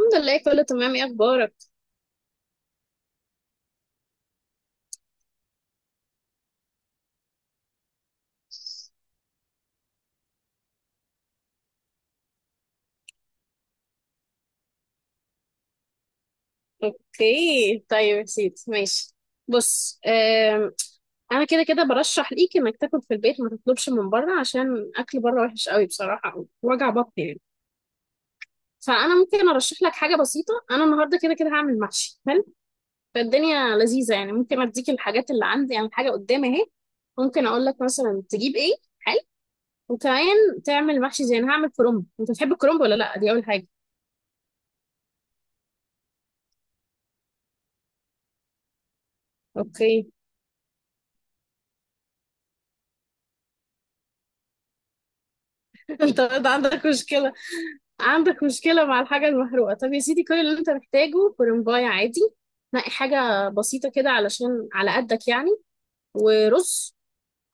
الحمد لله، كله تمام. ايه اخبارك؟ اوكي، طيب يا سيدي ماشي. بص، انا كده كده برشح ليك انك تاكل في البيت، ما تطلبش من بره عشان اكل بره وحش قوي بصراحه، وجع بطن يعني. فانا ممكن ارشح لك حاجه بسيطه. انا النهارده كده كده هعمل محشي، حلو؟ فالدنيا لذيذه يعني. ممكن اديك الحاجات اللي عندي يعني، الحاجه قدامي اهي. ممكن اقول لك مثلا تجيب ايه، حلو؟ وكمان تعمل محشي زي انا هعمل كرنب. انت بتحب الكرنب ولا لا؟ دي اول حاجه. اوكي. انت برضه عندك مشكله، عندك مشكلة مع الحاجة المحروقة. طب يا سيدي، كل اللي انت محتاجه كرنباية عادي. نقي حاجة بسيطة كده علشان على قدك يعني. ورز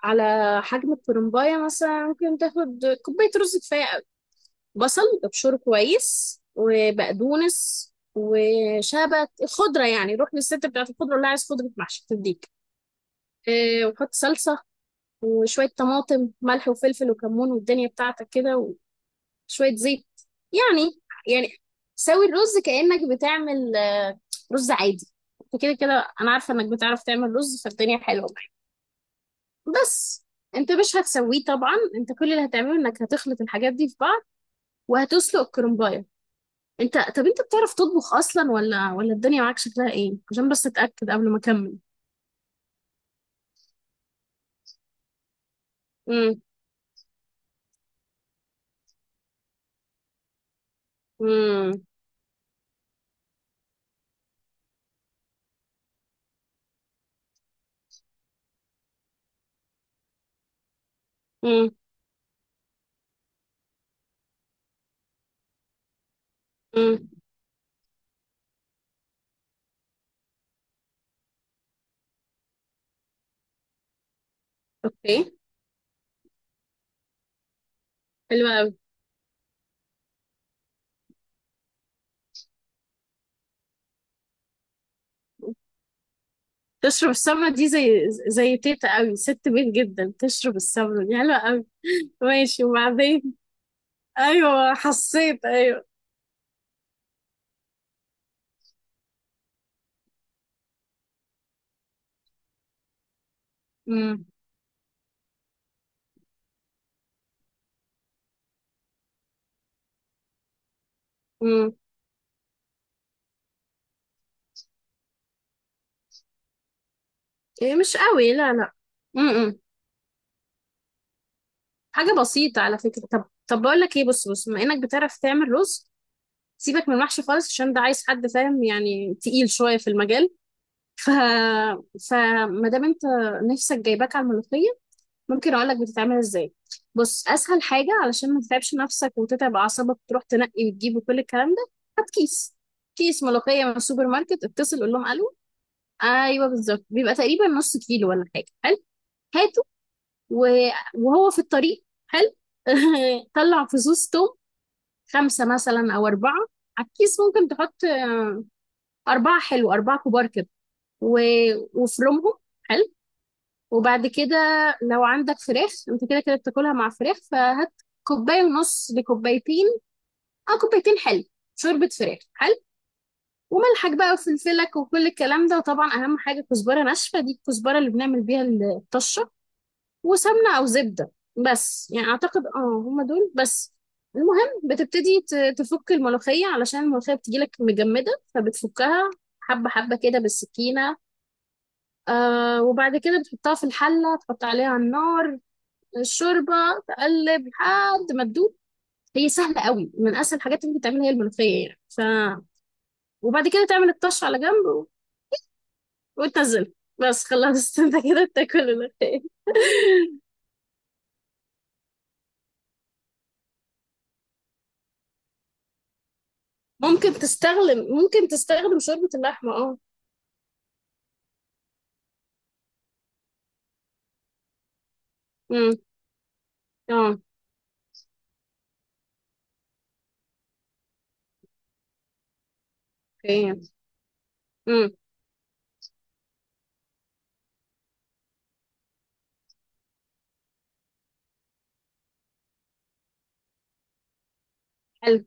على حجم الكرنباية مثلا. ممكن تاخد كوباية رز، كفاية قوي. بصل ابشره كويس، وبقدونس وشبت، الخضرة يعني. روح للست بتاعت الخضرة، اللي عايز خضرة محشي تديك. اه، وحط صلصة وشوية طماطم، ملح وفلفل وكمون، والدنيا بتاعتك كده. شوية زيت يعني. يعني سوي الرز كأنك بتعمل رز عادي. انت كده كده انا عارفة انك بتعرف تعمل رز، فالدنيا حلوة معاك. بس انت مش هتسويه طبعا، انت كل اللي هتعمله انك هتخلط الحاجات دي في بعض وهتسلق الكرنباية. انت، طب انت بتعرف تطبخ اصلا ولا الدنيا معاك شكلها ايه؟ عشان بس اتأكد قبل ما اكمل. امم، امم، امم، اوكي. حلوة أوي. تشرب السمنة دي زي تيتا قوي، ست بيت جدا. تشرب السمنة دي حلوة قوي. ماشي، وبعدين؟ ايوه حسيت، ايوه. امم، امم. إيه مش قوي، لا لا. امم. حاجة بسيطة على فكرة. طب، طب بقول لك ايه، بص بص، بما انك بتعرف تعمل رز، سيبك من المحشي خالص، عشان ده عايز حد فاهم يعني، تقيل شوية في المجال. ف، فما دام انت نفسك جايباك على الملوخية، ممكن اقول لك بتتعمل ازاي. بص، اسهل حاجه علشان ما تتعبش نفسك وتتعب اعصابك تروح تنقي وتجيب وكل الكلام ده، هات كيس، كيس ملوخيه من السوبر ماركت. اتصل، قول لهم الو. ايوه بالظبط، بيبقى تقريبا نص كيلو ولا حاجه، حلو. هاته، و- وهو في الطريق، حلو. طلع فصوص توم، خمسه مثلا او اربعه، على الكيس ممكن تحط اربعه، حلو، اربعه كبار كده. و... وفرمهم، حلو. وبعد كده، لو عندك فراخ انت كده كده بتاكلها مع فراخ، فهات كوباية ونص لكوبايتين، اه كوبايتين، حلو. شوربة فراخ، حلو. وملحك بقى وفلفلك وكل الكلام ده، وطبعا اهم حاجة كزبرة ناشفة. دي الكزبرة اللي بنعمل بيها الطشة. وسمنة او زبدة. بس يعني اعتقد اه هما دول بس. المهم بتبتدي تفك الملوخية، علشان الملوخية بتجيلك مجمدة، فبتفكها حبة حبة كده بالسكينة. آه، وبعد كده بتحطها في الحلة، تحط عليها النار، الشوربة، تقلب لحد ما تدوب. هي سهلة قوي، من أسهل الحاجات اللي ممكن تعملها هي الملوخية يعني. ف، وبعد كده تعمل الطش على جنب وتنزل، بس خلاص. انت كده بتاكل الملوخية. ممكن تستخدم شوربة اللحمة، اه. امم، اه، اوكي. امم، حلو.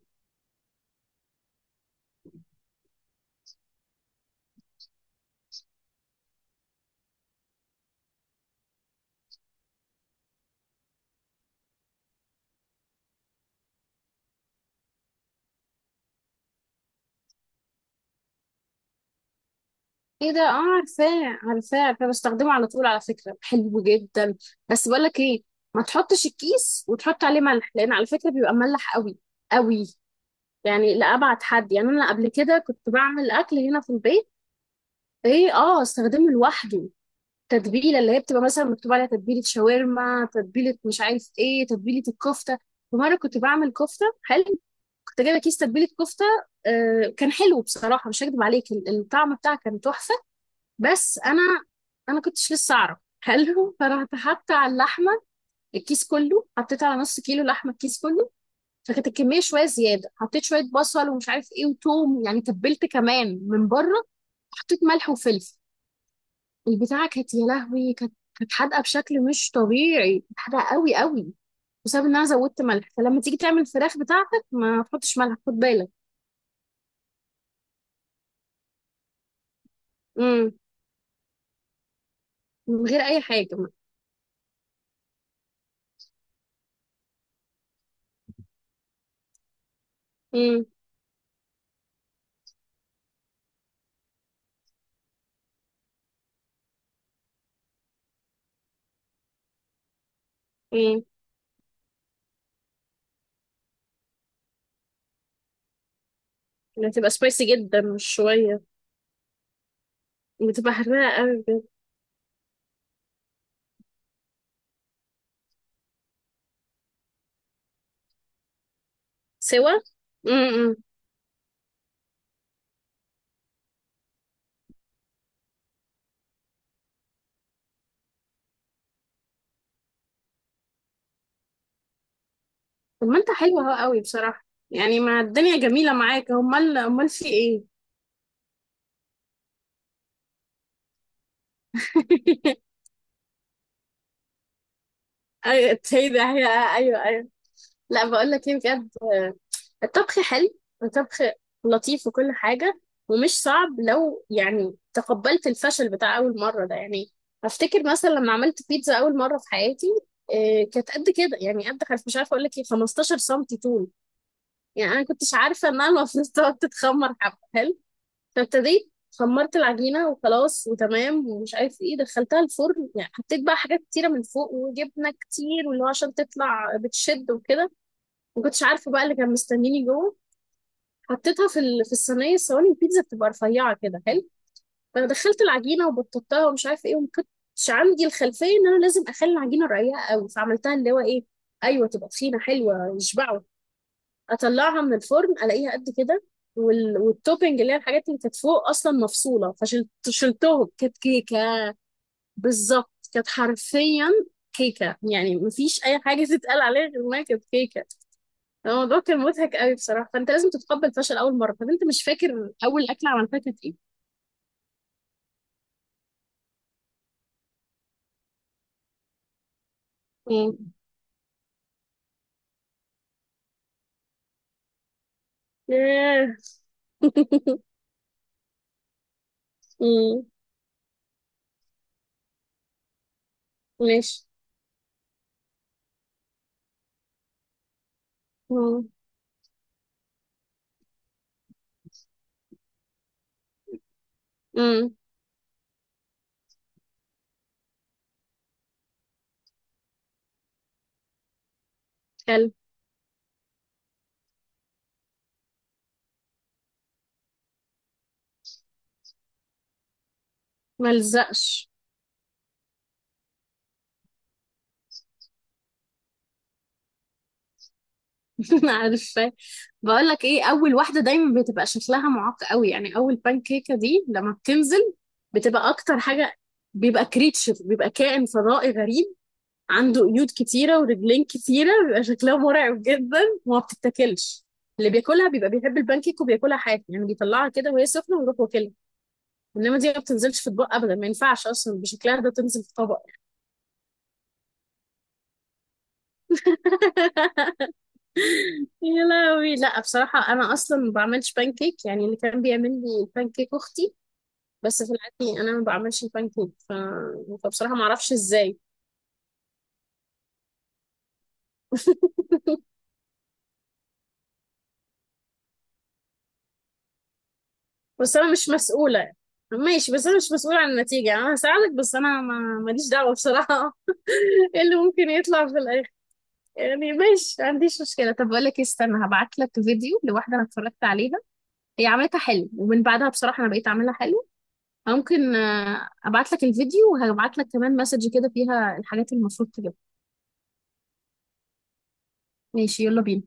ايه ده؟ اه عارفاه، عارفاه، عارفاه، بستخدمه على طول على فكرة، حلو جدا. بس بقول لك ايه، ما تحطش الكيس وتحط عليه ملح، لان على فكرة بيبقى مملح قوي، قوي. يعني لأبعد حد يعني. أنا قبل كده كنت بعمل أكل هنا في البيت. إيه، آه استخدمه لوحده. تتبيلة اللي هي بتبقى مثلا مكتوب عليها تتبيلة شاورما، تتبيلة مش عارف إيه، تتبيلة الكفتة. ومرة كنت بعمل كفتة، حلو. كنت جايبة كيس تتبيلة كفتة. آه كان حلو بصراحة، مش هكدب عليك، الطعم بتاعها كان تحفة. بس أنا، أنا كنتش لسه أعرف. حلو، فرحت حاطة على اللحمة الكيس كله، حطيت على نص كيلو لحمة الكيس كله. فكانت الكميه شويه زياده، حطيت شويه بصل ومش عارف ايه وتوم، يعني تبلت كمان من بره، حطيت ملح وفلفل. البتاعه كانت يا لهوي، كانت، كانت حادقه بشكل مش طبيعي، كانت حادقه قوي قوي، بسبب ان انا زودت ملح. فلما تيجي تعمل الفراخ بتاعتك ما تحطش ملح، خد بالك. امم. من غير اي حاجه. امم، امم. بتبقى سبايسي جدا مش شويه، بتبقى حراقه قوي بجد. سوا، امم. طب ما انت حلوه اهو قوي بصراحه، يعني ما الدنيا جميله معاك، امال، امال في ايه؟ ايوه، هي ده هي، ايوه ايوه. لا بقول لك ايه بجد، الطبخ حلو، الطبخ لطيف وكل حاجه، ومش صعب، لو يعني تقبلت الفشل بتاع اول مره ده يعني. افتكر مثلا لما عملت بيتزا اول مره في حياتي، إيه، كانت قد كده يعني، قد حرف مش عارفه اقول لك ايه، 15 سم طول يعني. انا كنتش عارفه انها المفروض تقعد تتخمر حبه، فابتديت، خمرت العجينة وخلاص وتمام، ومش عارف ايه، دخلتها الفرن يعني. حطيت بقى حاجات كتيرة من فوق، وجبنة كتير واللي هو عشان تطلع بتشد وكده. ما كنتش عارفة بقى اللي كان مستنيني جوه. حطيتها في في الصينية، الصواني البيتزا بتبقى رفيعة كده، حلو. فدخلت العجينة وبططتها ومش عارف ايه، وما كنتش عندي الخلفية ان انا لازم اخلي العجينة رقيقة قوي، فعملتها اللي هو ايه، ايوه تبقى تخينة حلوة يشبعوا. اطلعها من الفرن، الاقيها قد كده. والتوبنج اللي هي الحاجات اللي كانت فوق اصلا مفصوله، فشلتهم. كانت كيكه، بالظبط، كانت حرفيا كيكه، يعني مفيش اي حاجه تتقال عليها غير انها كانت كيكه. الموضوع كان مضحك قوي بصراحه. فانت لازم تتقبل فشل اول مره. طب انت مش فاكر اول اكله عملتها كانت ايه؟ مم. ياه. مم. ماشي. مم. مم. حلو. ملزقش. عارفة، بقول لك ايه، اول واحدة دايما بتبقى شكلها معاق قوي يعني، اول بانكيكة دي لما بتنزل، بتبقى اكتر حاجة، بيبقى كريتشر، بيبقى كائن فضائي غريب، عنده قيود كتيرة ورجلين كتيرة، بيبقى شكلها مرعب جدا، وما بتتاكلش. اللي بياكلها بيبقى بيحب البانكيك وبياكلها حاف، يعني بيطلعها كده وهي سخنة ويروح واكلها. انما دي ما بتنزلش في اطباق ابدا، ما ينفعش اصلا بشكلها ده تنزل في طبق. يا لهوي، لا بصراحة أنا أصلا ما بعملش بانكيك، يعني اللي كان بيعمل لي البانكيك أختي. بس في العادي أنا ما بعملش البانكيك، فبصراحة ما أعرفش إزاي. بس أنا مش مسؤولة، ماشي بس أنا مش مسؤولة عن النتيجة. أنا هساعدك بس أنا ما ماليش دعوة بصراحة. إيه اللي ممكن يطلع في الآخر؟ يعني ماشي، ما عنديش مشكلة. طب بقول لك إيه، استنى هبعت لك فيديو لواحدة أنا اتفرجت عليها، هي عملتها حلو، ومن بعدها بصراحة أنا بقيت أعملها حلو. ممكن ابعت لك الفيديو، وهبعت لك كمان مسج كده فيها الحاجات اللي المفروض تجيبها. ماشي، يلا بينا.